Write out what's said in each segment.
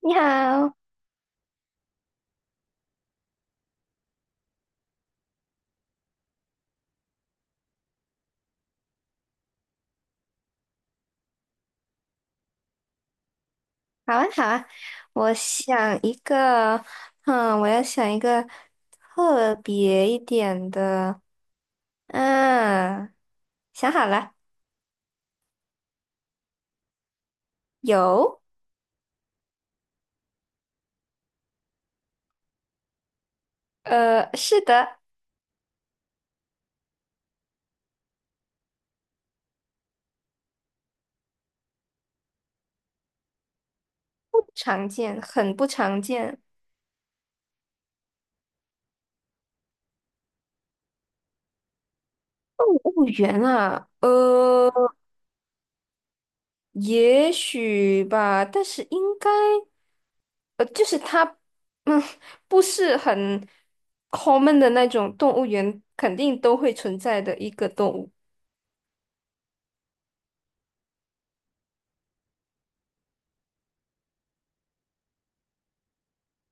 你好。好啊，好啊。我想一个，我要想一个特别一点的。嗯，想好了。有。是的。不常见，很不常见。动物园啊，也许吧，但是应该，就是它，嗯，不是很 common 的那种动物园，肯定都会存在的一个动物。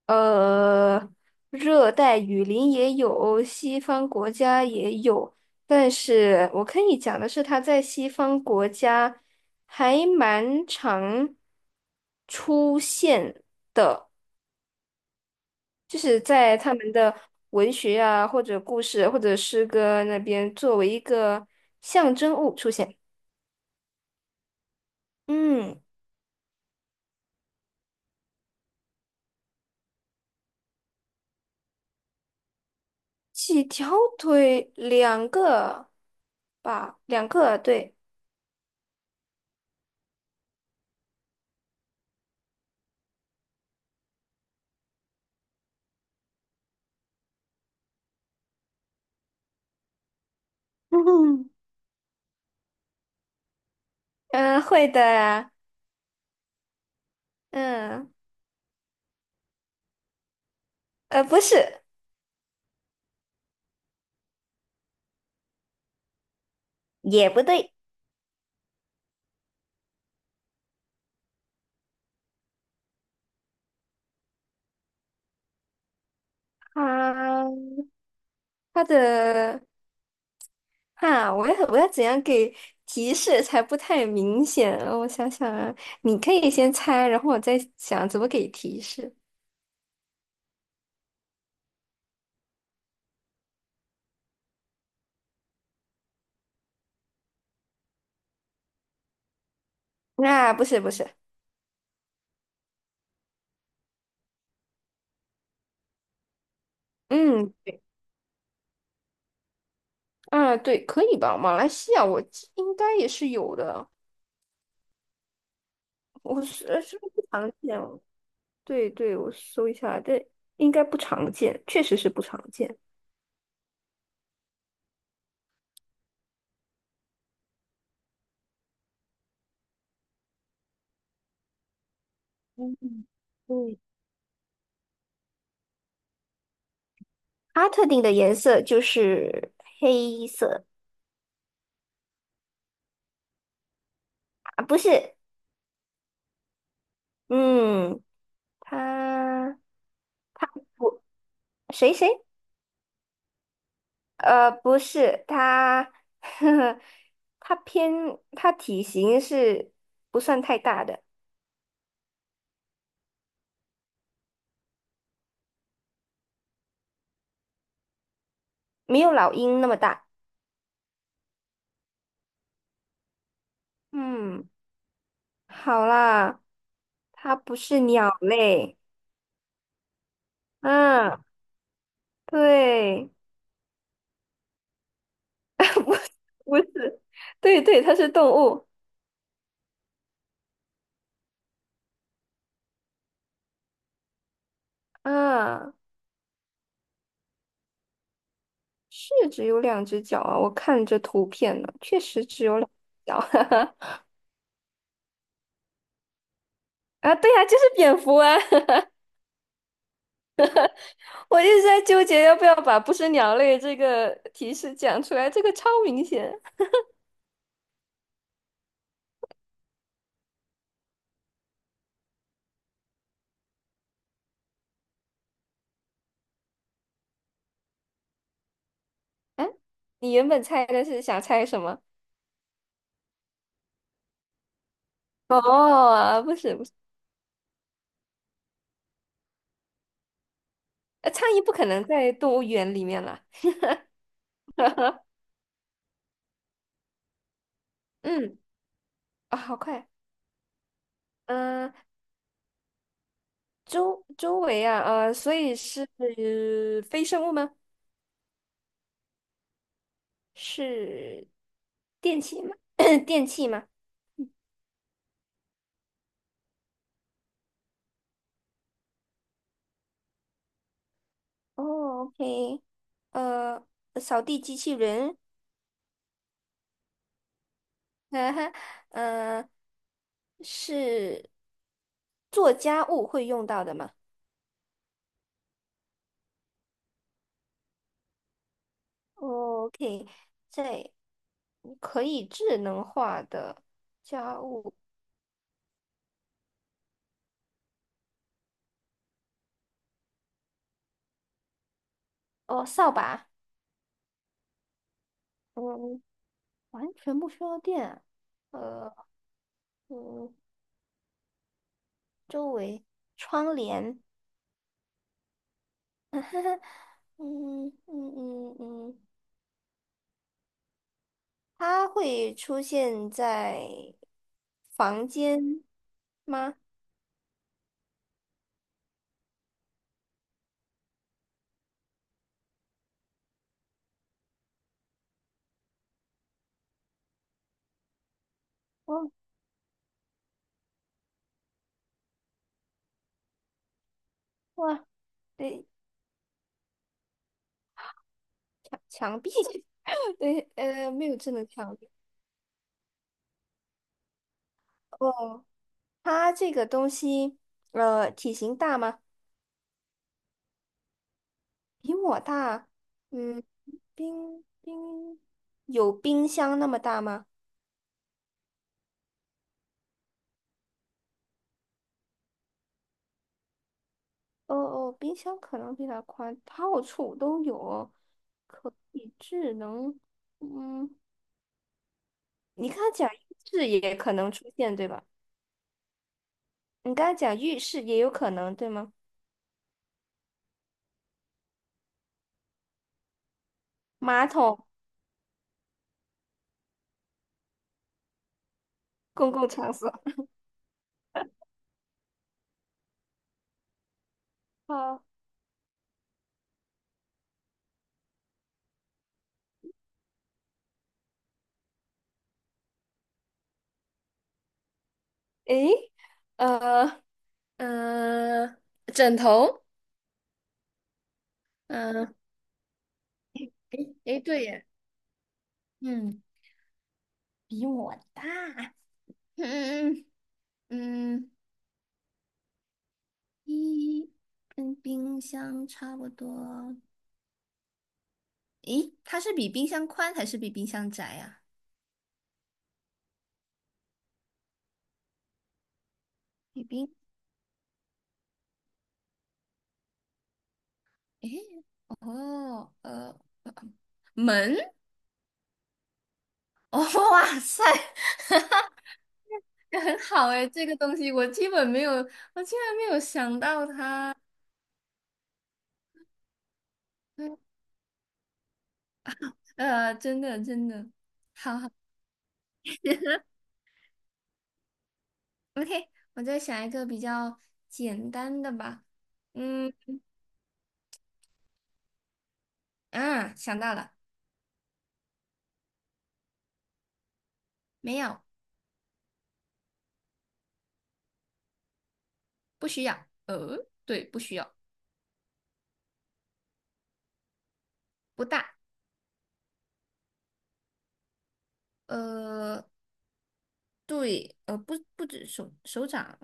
呃，热带雨林也有，西方国家也有，但是我可以讲的是，它在西方国家还蛮常出现，就是在他们的文学啊，或者故事或者诗歌那边作为一个象征物出现。嗯，几条腿，两个吧，两个，对。嗯，会的啊。嗯。不是。也不对。它它的哈，我要怎样给提示才不太明显？我想想啊，你可以先猜，然后我再想怎么给提示。啊，不是不是。嗯，对。啊，对，可以吧？马来西亚我记应该也是有的。是不是不常见哦？对对，我搜一下，对，应该不常见，确实是不常见。嗯嗯，它特定的颜色就是黑色。啊，不是。嗯，他他不谁谁，呃，不是他。呵呵。他偏他体型是不算太大的，没有老鹰那么大。嗯，好啦，它不是鸟类。啊，对。不不是，对对，它是动物。啊，是只有两只脚啊，我看着图片呢，确实只有两只脚。啊，对啊，就是蝙蝠啊。我一直在纠结要不要把“不是鸟类”这个提示讲出来，这个超明显。哎，你原本猜的是想猜什么？哦，不是不是。苍蝇不可能在动物园里面啦。嗯。啊、好快。嗯、周围啊，所以是非生物吗？是电器吗？电器吗？哦，OK，呃，扫地机器人。哈哈。呃，是做家务会用到的吗？OK，在可以智能化的家务哦，扫把。嗯，完全不需要电啊嗯，周围窗帘。嗯嗯嗯嗯，它会出现在房间吗？哦，哇，对，墙壁。对，没有智能墙哦，它这个东西，体型大吗？比我大。嗯，冰冰有冰箱那么大吗？哦哦，冰箱可能比它宽，到处都有。可以智能。嗯，你刚才讲浴室也可能出现，对吧？你刚才讲浴室也有可能，对吗？马桶。公共场所。好。诶，呃，嗯，枕头。嗯，诶诶，对耶。嗯，比我大。嗯嗯。一跟冰箱差不多。诶，它是比冰箱宽还是比冰箱窄呀、比冰，诶，哦，门。哦，哇塞。很好诶，这个东西我基本没有，我竟然没有想到它。嗯真的真的。好好，OK，我再想一个比较简单的吧。嗯想到了。没有。不需要。对，不需要。不大。呃，对，不，不止手掌，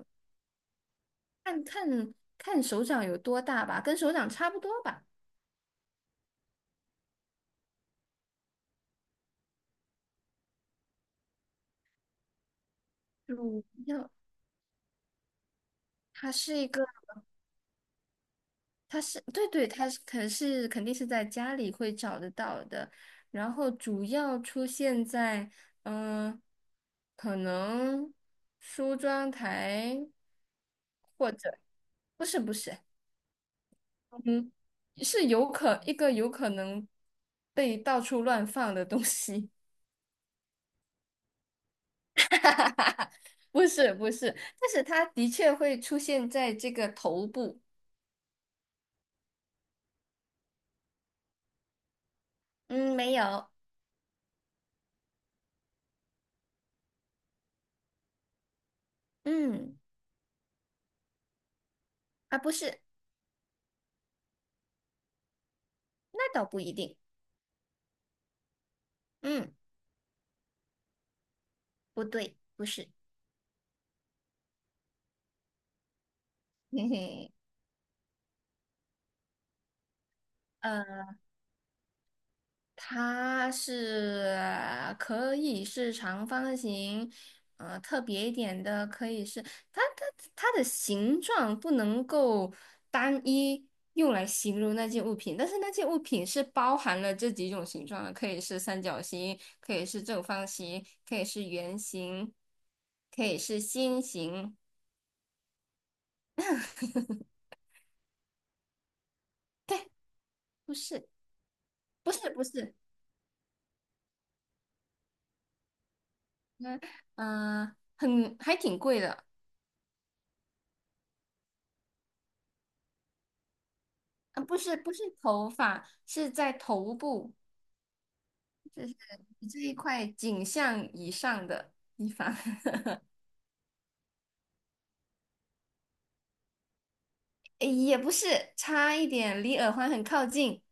看看手掌有多大吧，跟手掌差不多吧。主要它是一个，它是对对。它是肯定是在家里会找得到的，然后主要出现在嗯、呃可能梳妆台，或者不是不是，是有可一个有可能被到处乱放的东西。不是不是，但是它的确会出现在这个头部。嗯，没有。嗯，啊，不是。那倒不一定。嗯，不对，不是。嘿嘿。嗯。它是可以是长方形，特别一点的可以是它它它的形状不能够单一用来形容那件物品，但是那件物品是包含了这几种形状的，可以是三角形，可以是正方形，可以是圆形，可以是心形。对，不是，不是，不是。嗯很还挺贵的。啊，不是不是头发，是在头部，就是你这一块颈项以上的地方。诶，也不是，差一点，离耳环很靠近，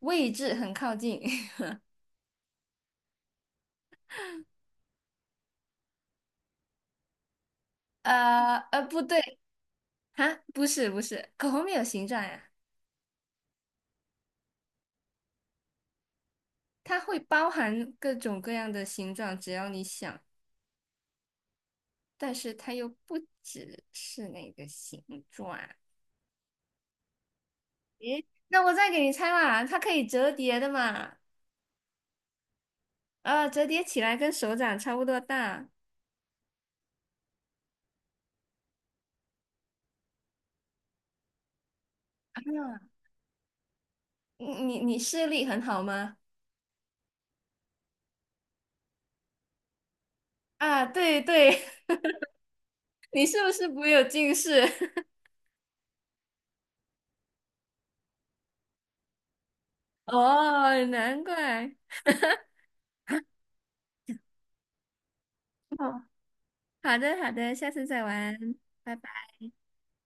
位置很靠近。不对。啊，不是不是，口红没有形状呀。它会包含各种各样的形状，只要你想，但是它又不只是那个形状啊。诶，那我再给你猜嘛，它可以折叠的嘛。啊，折叠起来跟手掌差不多大。啊，你视力很好吗？啊，对对。你是不是不有近视？哦，难怪。哦，好的好的，下次再玩。拜拜。